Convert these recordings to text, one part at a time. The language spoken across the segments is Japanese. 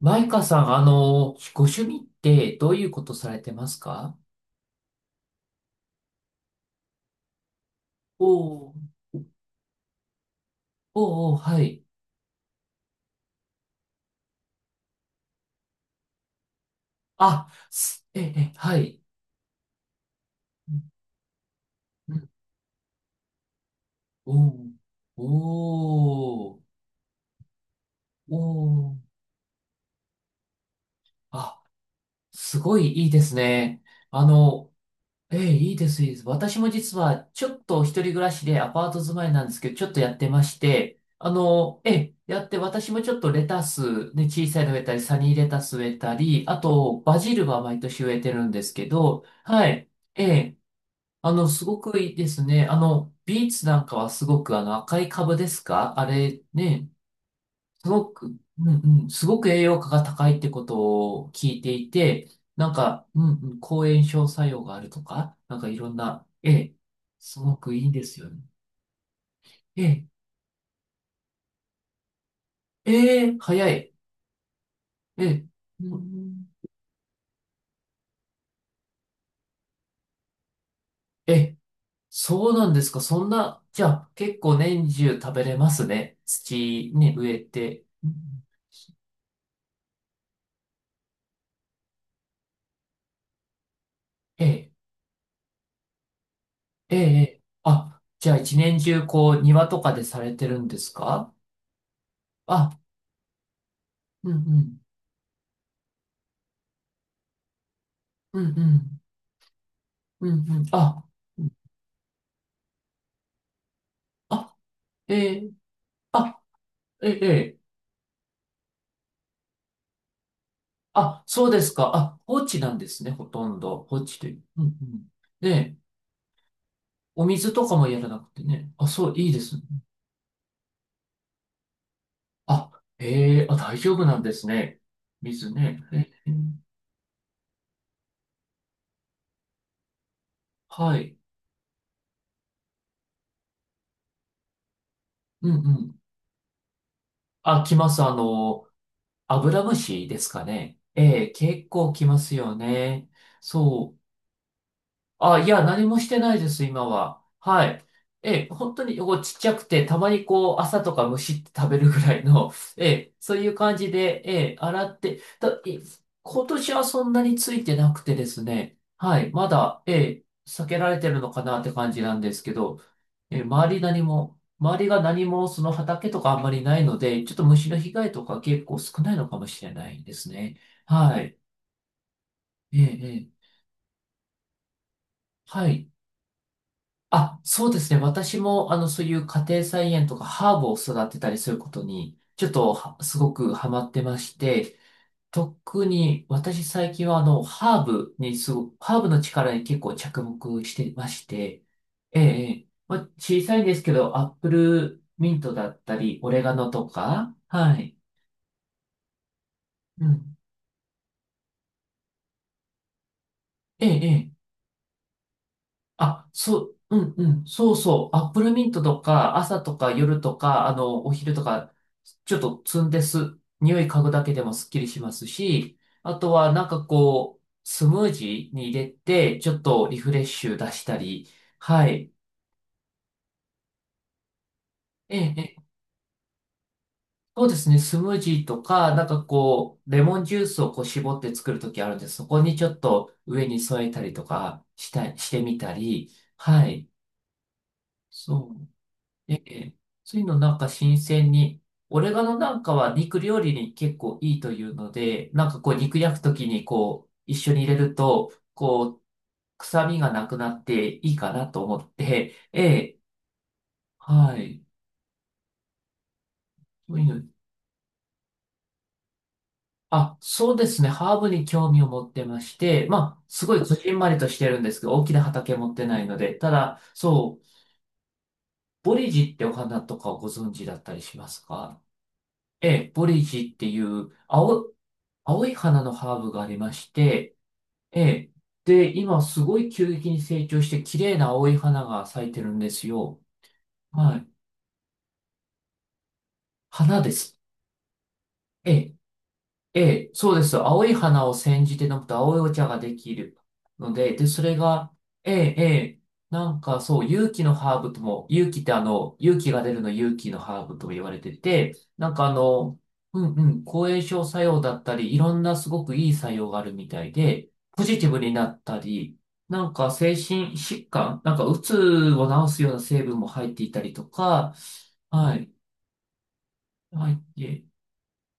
マイカさん、ご趣味ってどういうことされてますか？おー。おー、おー、はい。あ、すえ、え、はい。うんうん。おー、おー、おー。あ、すごいいいですね。あの、ええ、いいです、いいです。私も実は、ちょっと一人暮らしでアパート住まいなんですけど、ちょっとやってまして、ええ、やって、私もちょっとレタス、ね、小さいの植えたり、サニーレタス植えたり、あと、バジルは毎年植えてるんですけど、はい。ええ、すごくいいですね。ビーツなんかはすごく、赤い株ですかあれ、ね。すごく、うんうん、すごく栄養価が高いってことを聞いていて、なんか、うんうん、抗炎症作用があるとか、なんかいろんな、ええ、すごくいいんですよね。ええ、ええ、早い。ええ、うんうん。ええ、そうなんですか。そんな、じゃあ結構年中食べれますね。土に植えて。うんうん。ええ、ええ、ええ、あ、じゃあ一年中こう庭とかでされてるんですか？あ、うんうん、うんうん。うん、うん。あ、うん。あ、えー、あ、えー、えー。あ、そうですか。あ、放置なんですね、ほとんど。放置という。うん、うん。で、お水とかもやらなくてね。あ、そう、いいですね。あ、ええ、あ、大丈夫なんですね。水ね。えー、はい。うん、うん。あ、来ます。アブラムシですかね。ええ、結構来ますよね。そう。あ、いや、何もしてないです、今は。はい。ええ、本当にこうちっちゃくて、たまにこう、朝とかむしって食べるぐらいの、ええ、そういう感じで、ええ、洗って、だ、い。今年はそんなについてなくてですね、はい、まだ、ええ、避けられてるのかなって感じなんですけど、ええ、周り何も、周りが何もその畑とかあんまりないので、ちょっと虫の被害とか結構少ないのかもしれないですね。はい。ええ、ええ、はい。あ、そうですね。私も、そういう家庭菜園とかハーブを育てたりすることに、ちょっとは、すごくハマってまして、特に私最近は、ハーブにすご、ハーブの力に結構着目してまして、ええ、ええ、まあ、小さいんですけど、アップルミントだったり、オレガノとか、はい。うん。ええ、え、あ、そう、うんうん、そうそう、アップルミントとか、朝とか夜とか、お昼とか、ちょっと積んです。匂い嗅ぐだけでもスッキリしますし、あとはなんかこう、スムージーに入れて、ちょっとリフレッシュ出したり、はい。ええ、ええ、そうですね、スムージーとか、なんかこう、レモンジュースをこう絞って作るときあるんです、そこにちょっと上に添えたりとかした、してみたり、はい。そう。ええ、そういうのなんか新鮮に、オレガノなんかは肉料理に結構いいというので、なんかこう肉焼くときにこう一緒に入れると、こう臭みがなくなっていいかなと思って、ええ、はい。そういうの、あ、そうですね。ハーブに興味を持ってまして、まあ、すごいこじんまりとしてるんですけど、大きな畑持ってないので、ただ、そう、ボリジってお花とかをご存知だったりしますか？ええ、ボリジっていう青、青い花のハーブがありまして、ええ、で、今すごい急激に成長して綺麗な青い花が咲いてるんですよ。はい。花です。ええ、ええ、そうです。青い花を煎じて飲むと青いお茶ができるので、で、それが、ええ、ええ、なんかそう、勇気のハーブとも、勇気って勇気が出るの勇気のハーブとも言われてて、なんかうんうん、抗炎症作用だったり、いろんなすごくいい作用があるみたいで、ポジティブになったり、なんか精神疾患、なんかうつを治すような成分も入っていたりとか、はい。はい。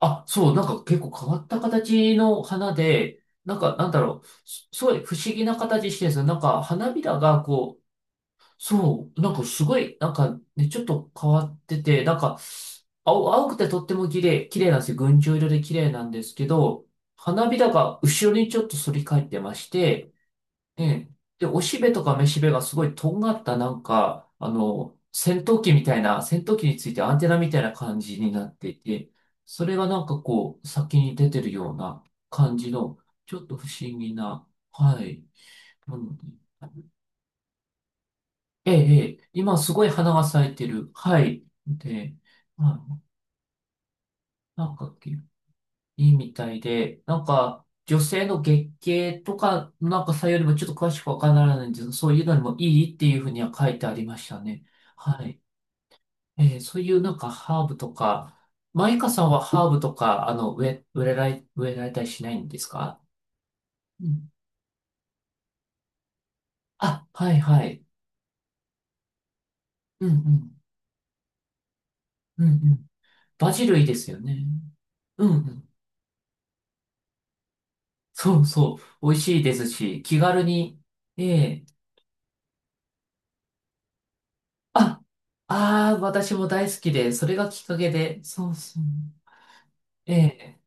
あ、そう、なんか結構変わった形の花で、なんかなんだろう、すすごい不思議な形してるんですよ。なんか花びらがこう、そう、なんかすごい、なんかね、ちょっと変わってて、なんか、青、青くてとっても綺麗、綺麗なんですよ。群青色で綺麗なんですけど、花びらが後ろにちょっと反り返ってまして、ええ。で、おしべとかめしべがすごいとんがったなんか、戦闘機みたいな、戦闘機についてアンテナみたいな感じになっていて、それがなんかこう、先に出てるような感じの、ちょっと不思議な、はい。もので、ええ、ええ、今すごい花が咲いてる。はい。で、はい。なんか、いいみたいで、なんか、女性の月経とかのなんかさよりもちょっと詳しくわからないんですけど、そういうのにもいいっていうふうには書いてありましたね。はい。そういうなんかハーブとか、マイカさんはハーブとか、植え、植えられ、植えられたりしないんですか？うん。あ、はいはい。うんうん。うんうん。バジルいいですよね。うんうん。そうそう。美味しいですし、気軽に、ええ、あ、ああ、私も大好きで、それがきっかけで、そうそう。ええ。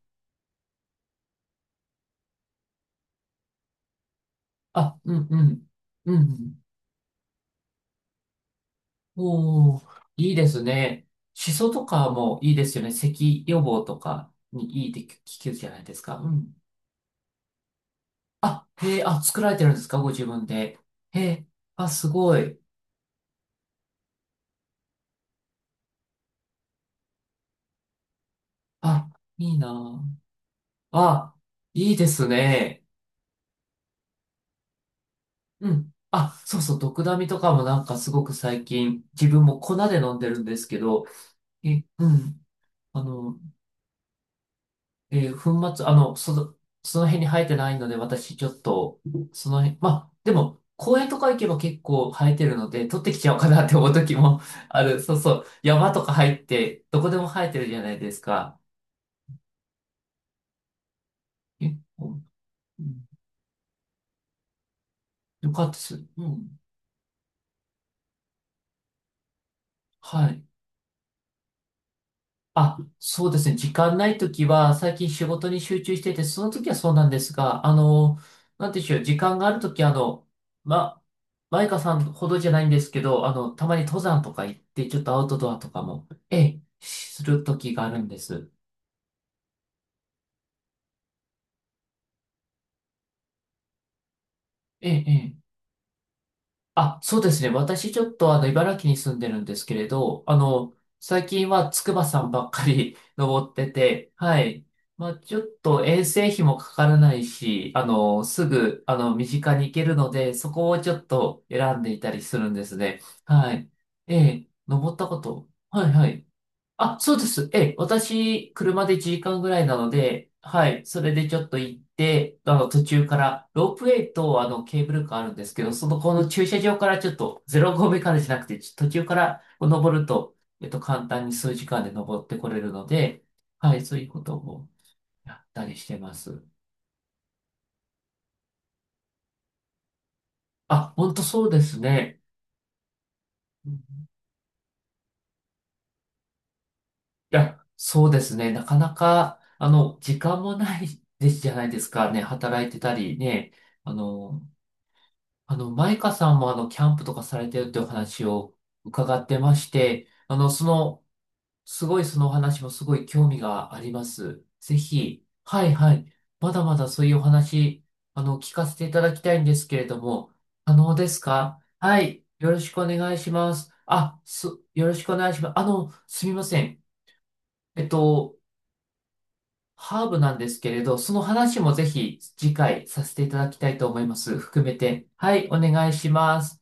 あ、うんうん。うん。おお、いいですね。シソとかもいいですよね。咳予防とかにいいって聞けるじゃないですか。うん。あ、へえ、あ、作られてるんですかご自分で。へえ、あ、すごい。あ、いいなあ。あ、いいですね。うん。あ、そうそう、ドクダミとかもなんかすごく最近、自分も粉で飲んでるんですけど、え、うん。あの、粉末、その、その辺に生えてないので、私ちょっと、その辺、まあ、でも、公園とか行けば結構生えてるので、取ってきちゃおうかなって思う時も ある。そうそう。山とか入って、どこでも生えてるじゃないですか。え、うん。よかったです。うん。はい。あ、そうですね。時間ないときは、最近仕事に集中してて、その時はそうなんですが、なんていうんでしょう、時間があるとき、ま、マイカさんほどじゃないんですけど、たまに登山とか行って、ちょっとアウトドアとかも、ええ、するときがあるんです。ええ、ええ。あ、そうですね。私ちょっと茨城に住んでるんですけれど、最近は筑波山ばっかり 登ってて、はい。まあ、ちょっと遠征費もかからないし、すぐ、身近に行けるので、そこをちょっと選んでいたりするんですね。はい。ええ、登ったこと。はいはい。あ、そうです。ええ、私、車で1時間ぐらいなので、はい、それでちょっと行って、途中から、ロープウェイと、ケーブルカーあるんですけど、その、この駐車場からちょっと、0合目からじゃなくて、ち途中からこう登ると、簡単に数時間で登ってこれるので、はい、そういうことをやったりしてます。あ、本当そうですね。うん。いや、そうですね。なかなか、時間もないですじゃないですかね。働いてたりね。あの、マイカさんもキャンプとかされてるってお話を伺ってまして、その、すごいそのお話もすごい興味があります。ぜひ、はいはい。まだまだそういうお話、聞かせていただきたいんですけれども、可能ですか？はい。よろしくお願いします。あ、す、よろしくお願いします。すみません。えっと、ハーブなんですけれど、その話もぜひ次回させていただきたいと思います。含めて。はい、お願いします。